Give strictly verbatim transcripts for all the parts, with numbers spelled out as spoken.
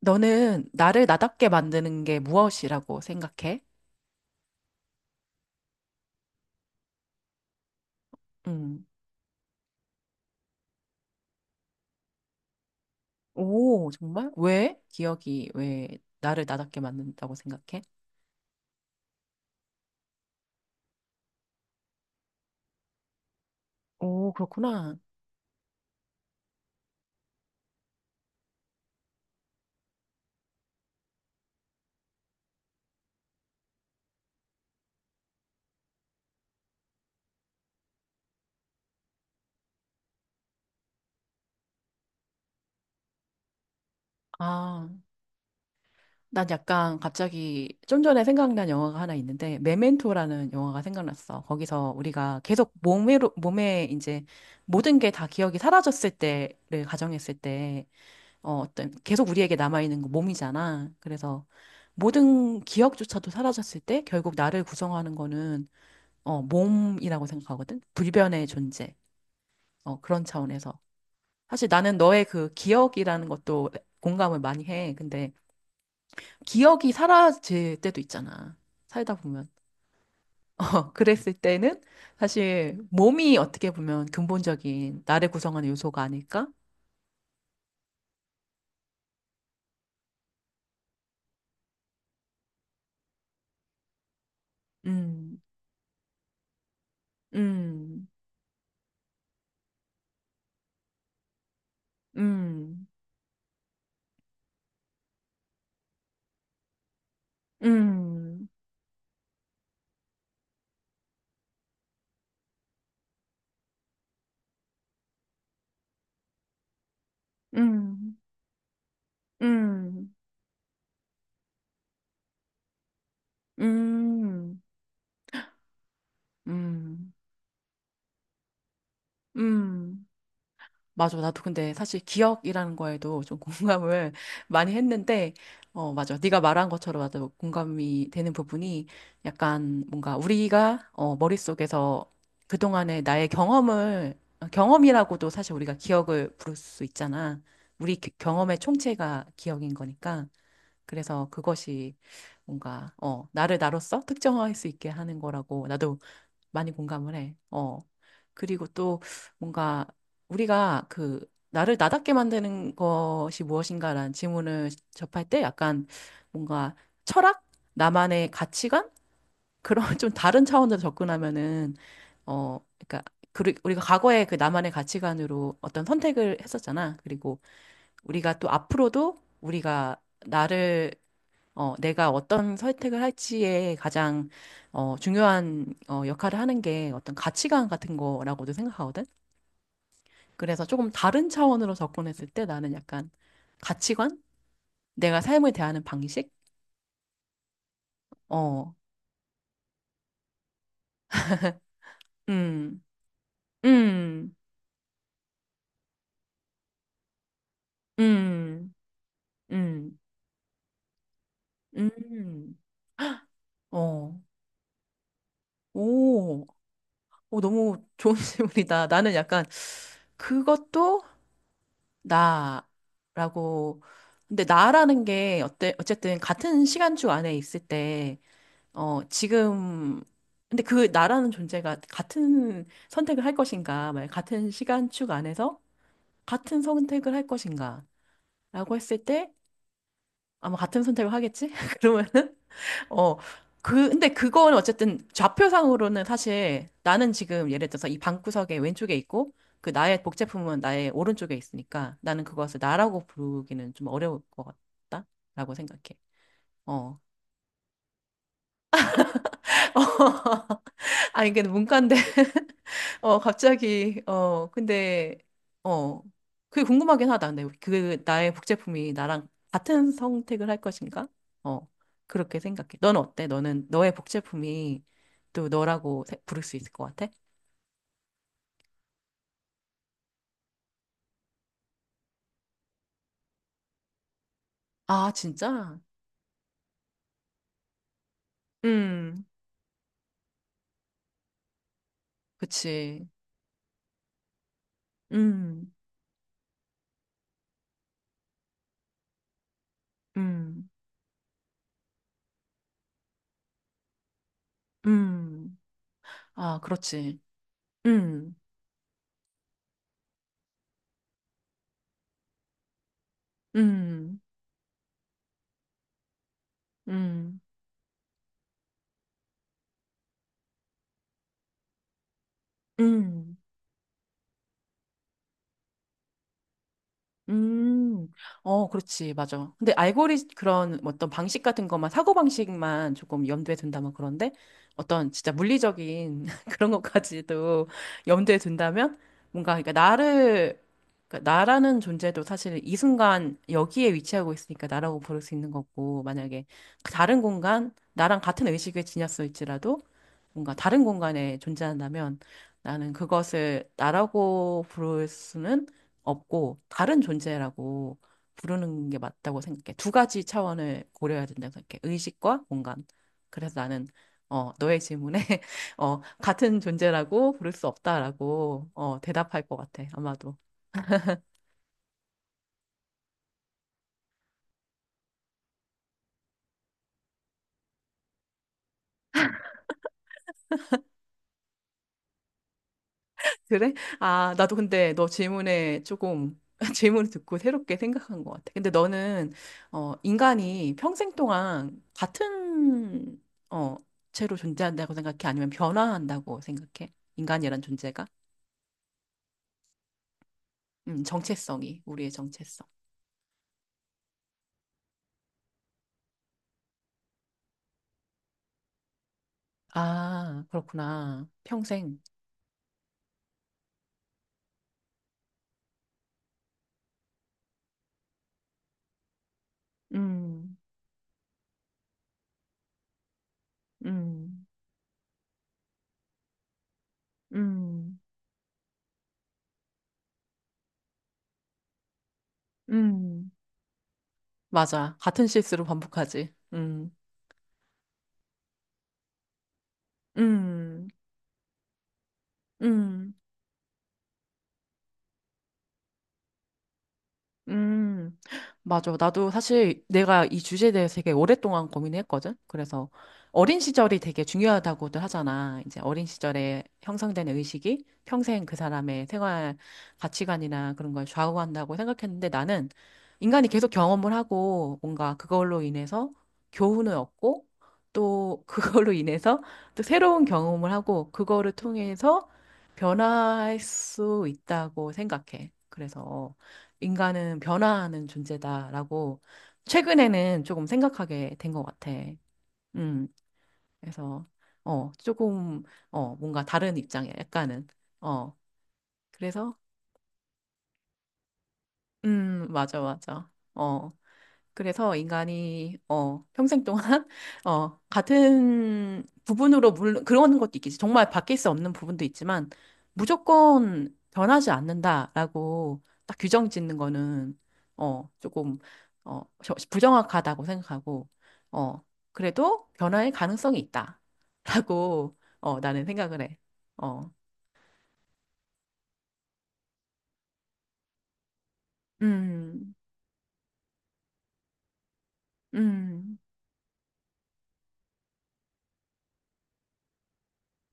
너는 나를 나답게 만드는 게 무엇이라고 생각해? 음. 오, 정말? 왜? 기억이 왜 나를 나답게 만든다고 생각해? 오, 그렇구나. 아, 난 약간 갑자기 좀 전에 생각난 영화가 하나 있는데, 메멘토라는 영화가 생각났어. 거기서 우리가 계속 몸으로, 몸에 이제 모든 게 다 기억이 사라졌을 때를 가정했을 때, 어, 어떤 계속 우리에게 남아있는 거 몸이잖아. 그래서 모든 기억조차도 사라졌을 때 결국 나를 구성하는 거는 어, 몸이라고 생각하거든. 불변의 존재. 어, 그런 차원에서. 사실 나는 너의 그 기억이라는 것도 공감을 많이 해. 근데 기억이 사라질 때도 있잖아. 살다 보면. 어, 그랬을 때는 사실 몸이 어떻게 보면 근본적인 나를 구성하는 요소가 아닐까? 음, 음, 음, 음, 음. 음. 음, 음, 음, 음. 맞아. 나도 근데 사실 기억이라는 거에도 좀 공감을 많이 했는데, 어, 맞아. 네가 말한 것처럼 맞아. 공감이 되는 부분이 약간 뭔가 우리가 어, 머릿속에서 그동안의 나의 경험을, 어, 경험이라고도 사실 우리가 기억을 부를 수 있잖아. 우리 기- 경험의 총체가 기억인 거니까. 그래서 그것이 뭔가, 어, 나를 나로서 특정할 수 있게 하는 거라고. 나도 많이 공감을 해. 어. 그리고 또 뭔가 우리가 그 나를 나답게 만드는 것이 무엇인가라는 질문을 접할 때 약간 뭔가 철학? 나만의 가치관? 그런 좀 다른 차원으로 접근하면은 어 그러니까 그리- 우리가 과거에 그 나만의 가치관으로 어떤 선택을 했었잖아. 그리고 우리가 또 앞으로도 우리가 나를 어, 내가 어떤 선택을 할지에 가장 어, 중요한 어, 역할을 하는 게 어떤 가치관 같은 거라고도 생각하거든. 그래서 조금 다른 차원으로 접근했을 때 나는 약간 가치관? 내가 삶을 대하는 방식? 어, 음, 음, 음, 음, 음, 어, 오, 오, 너무 좋은 질문이다. 나는 약간 그것도 나라고. 근데 나라는 게 어때, 어쨌든 같은 시간주 안에 있을 때, 어, 지금, 근데 그 나라는 존재가 같은 선택을 할 것인가, 만약 같은 시간축 안에서 같은 선택을 할 것인가, 라고 했을 때 아마 같은 선택을 하겠지? 그러면은 어, 그, 근데 그거는 어쨌든 좌표상으로는 사실 나는 지금 예를 들어서 이 방구석의 왼쪽에 있고 그 나의 복제품은 나의 오른쪽에 있으니까 나는 그것을 나라고 부르기는 좀 어려울 것 같다라고 생각해. 어. 아니, 이게 문과인데 어, 갑자기, 어, 근데, 어, 그게 궁금하긴 하다. 근데 그, 나의 복제품이 나랑 같은 선택을 할 것인가? 어, 그렇게 생각해. 넌 어때? 너는, 너의 복제품이 또 너라고 세- 부를 수 있을 것 같아? 아, 진짜? 음, 그치. 음, 음, 음. 아, 그렇지. 음, 음, 음, 음. 음, 어, 그렇지, 맞아. 근데 알고리 그런 뭐 어떤 방식 같은 것만, 사고방식만 조금 염두에 둔다면 그런데 어떤 진짜 물리적인 그런 것까지도 염두에 둔다면 뭔가, 그러니까 나를, 그러니까 나라는 존재도 사실 이 순간 여기에 위치하고 있으니까 나라고 부를 수 있는 거고, 만약에 그 다른 공간, 나랑 같은 의식을 지녔을지라도 뭔가 다른 공간에 존재한다면 나는 그것을 나라고 부를 수는 없고 다른 존재라고 부르는 게 맞다고 생각해. 두 가지 차원을 고려해야 된다고 생각해. 의식과 공간. 그래서 나는 어, 너의 질문에 어, 같은 존재라고 부를 수 없다라고 어, 대답할 것 같아. 아마도. 그래? 아, 나도 근데 너 질문에 조금 질문을 듣고 새롭게 생각한 것 같아. 근데 너는 어, 인간이 평생 동안 같은 어, 채로 존재한다고 생각해? 아니면 변화한다고 생각해? 인간이란 존재가? 음, 정체성이 우리의 정체성. 아, 그렇구나. 평생. 음, 음, 음, 음, 맞아. 같은 실수를 반복하지. 음, 음, 음. 음, 맞아. 나도 사실 내가 이 주제에 대해서 되게 오랫동안 고민했거든. 그래서 어린 시절이 되게 중요하다고들 하잖아. 이제 어린 시절에 형성되는 의식이 평생 그 사람의 생활 가치관이나 그런 걸 좌우한다고 생각했는데 나는 인간이 계속 경험을 하고 뭔가 그걸로 인해서 교훈을 얻고 또 그걸로 인해서 또 새로운 경험을 하고 그거를 통해서 변화할 수 있다고 생각해. 그래서 인간은 변화하는 존재다라고 최근에는 조금 생각하게 된 것 같아. 음, 그래서, 어, 조금, 어, 뭔가 다른 입장이야, 약간은. 어, 그래서, 음, 맞아, 맞아. 어. 그래서 인간이 어 평생 동안 어 같은 부분으로 물론 그런 것도 있겠지. 정말 바뀔 수 없는 부분도 있지만 무조건 변하지 않는다라고 딱 규정 짓는 거는 어 조금 어 저- 부정확하다고 생각하고 어 그래도 변화의 가능성이 있다라고 어 나는 생각을 해. 어. 음. 음.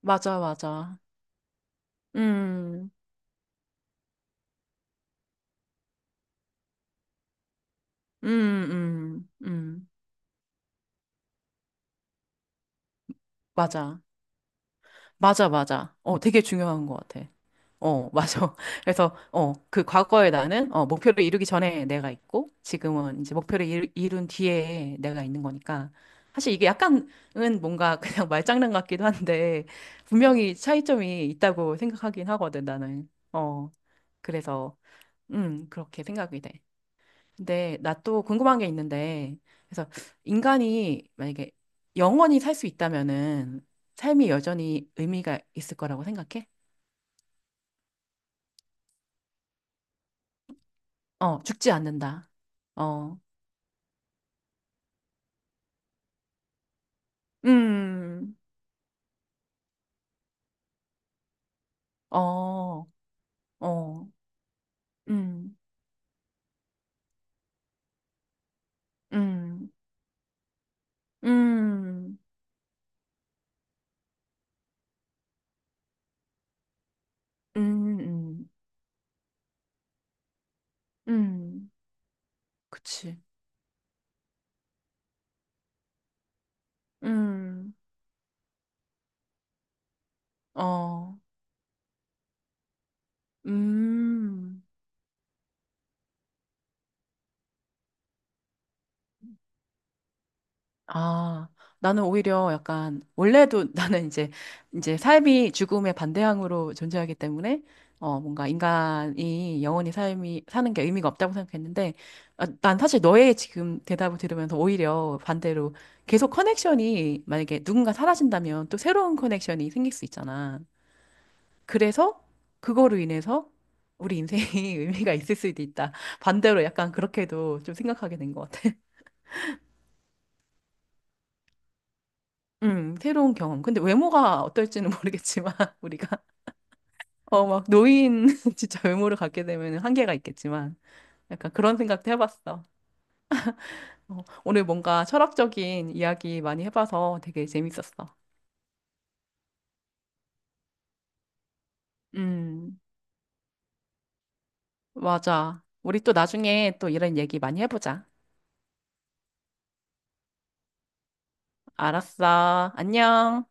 맞아, 맞아. 음. 음, 음, 음. 맞아. 맞아, 맞아. 어, 되게 중요한 것 같아. 어, 맞아. 그래서, 어, 그 과거에 나는, 어, 목표를 이루기 전에 내가 있고, 지금은 이제 목표를 이루- 이룬 뒤에 내가 있는 거니까. 사실 이게 약간은 뭔가 그냥 말장난 같기도 한데, 분명히 차이점이 있다고 생각하긴 하거든, 나는. 어, 그래서, 음, 그렇게 생각이 돼. 근데 나 또 궁금한 게 있는데, 그래서 인간이 만약에 영원히 살 수 있다면은 삶이 여전히 의미가 있을 거라고 생각해? 어, 죽지 않는다. 어, 음, 어, 어, 음, 음, 음, 음, 음, 음, 그치. 음, 어, 음. 아, 나는 오히려 약간 원래도 나는 이제 이제 삶이 죽음의 반대항으로 존재하기 때문에 어 뭔가 인간이 영원히 삶이 사는 게 의미가 없다고 생각했는데 아, 난 사실 너의 지금 대답을 들으면서 오히려 반대로 계속 커넥션이 만약에 누군가 사라진다면 또 새로운 커넥션이 생길 수 있잖아. 그래서 그거로 인해서 우리 인생이 의미가 있을 수도 있다. 반대로 약간 그렇게도 좀 생각하게 된 것 같아. 음, 새로운 경험. 근데 외모가 어떨지는 모르겠지만, 우리가, 어, 막, 노인, 진짜 외모를 갖게 되면 한계가 있겠지만, 약간 그런 생각도 해봤어. 어, 오늘 뭔가 철학적인 이야기 많이 해봐서 되게 재밌었어. 음, 맞아. 우리 또 나중에 또 이런 얘기 많이 해보자. 알았어. 안녕.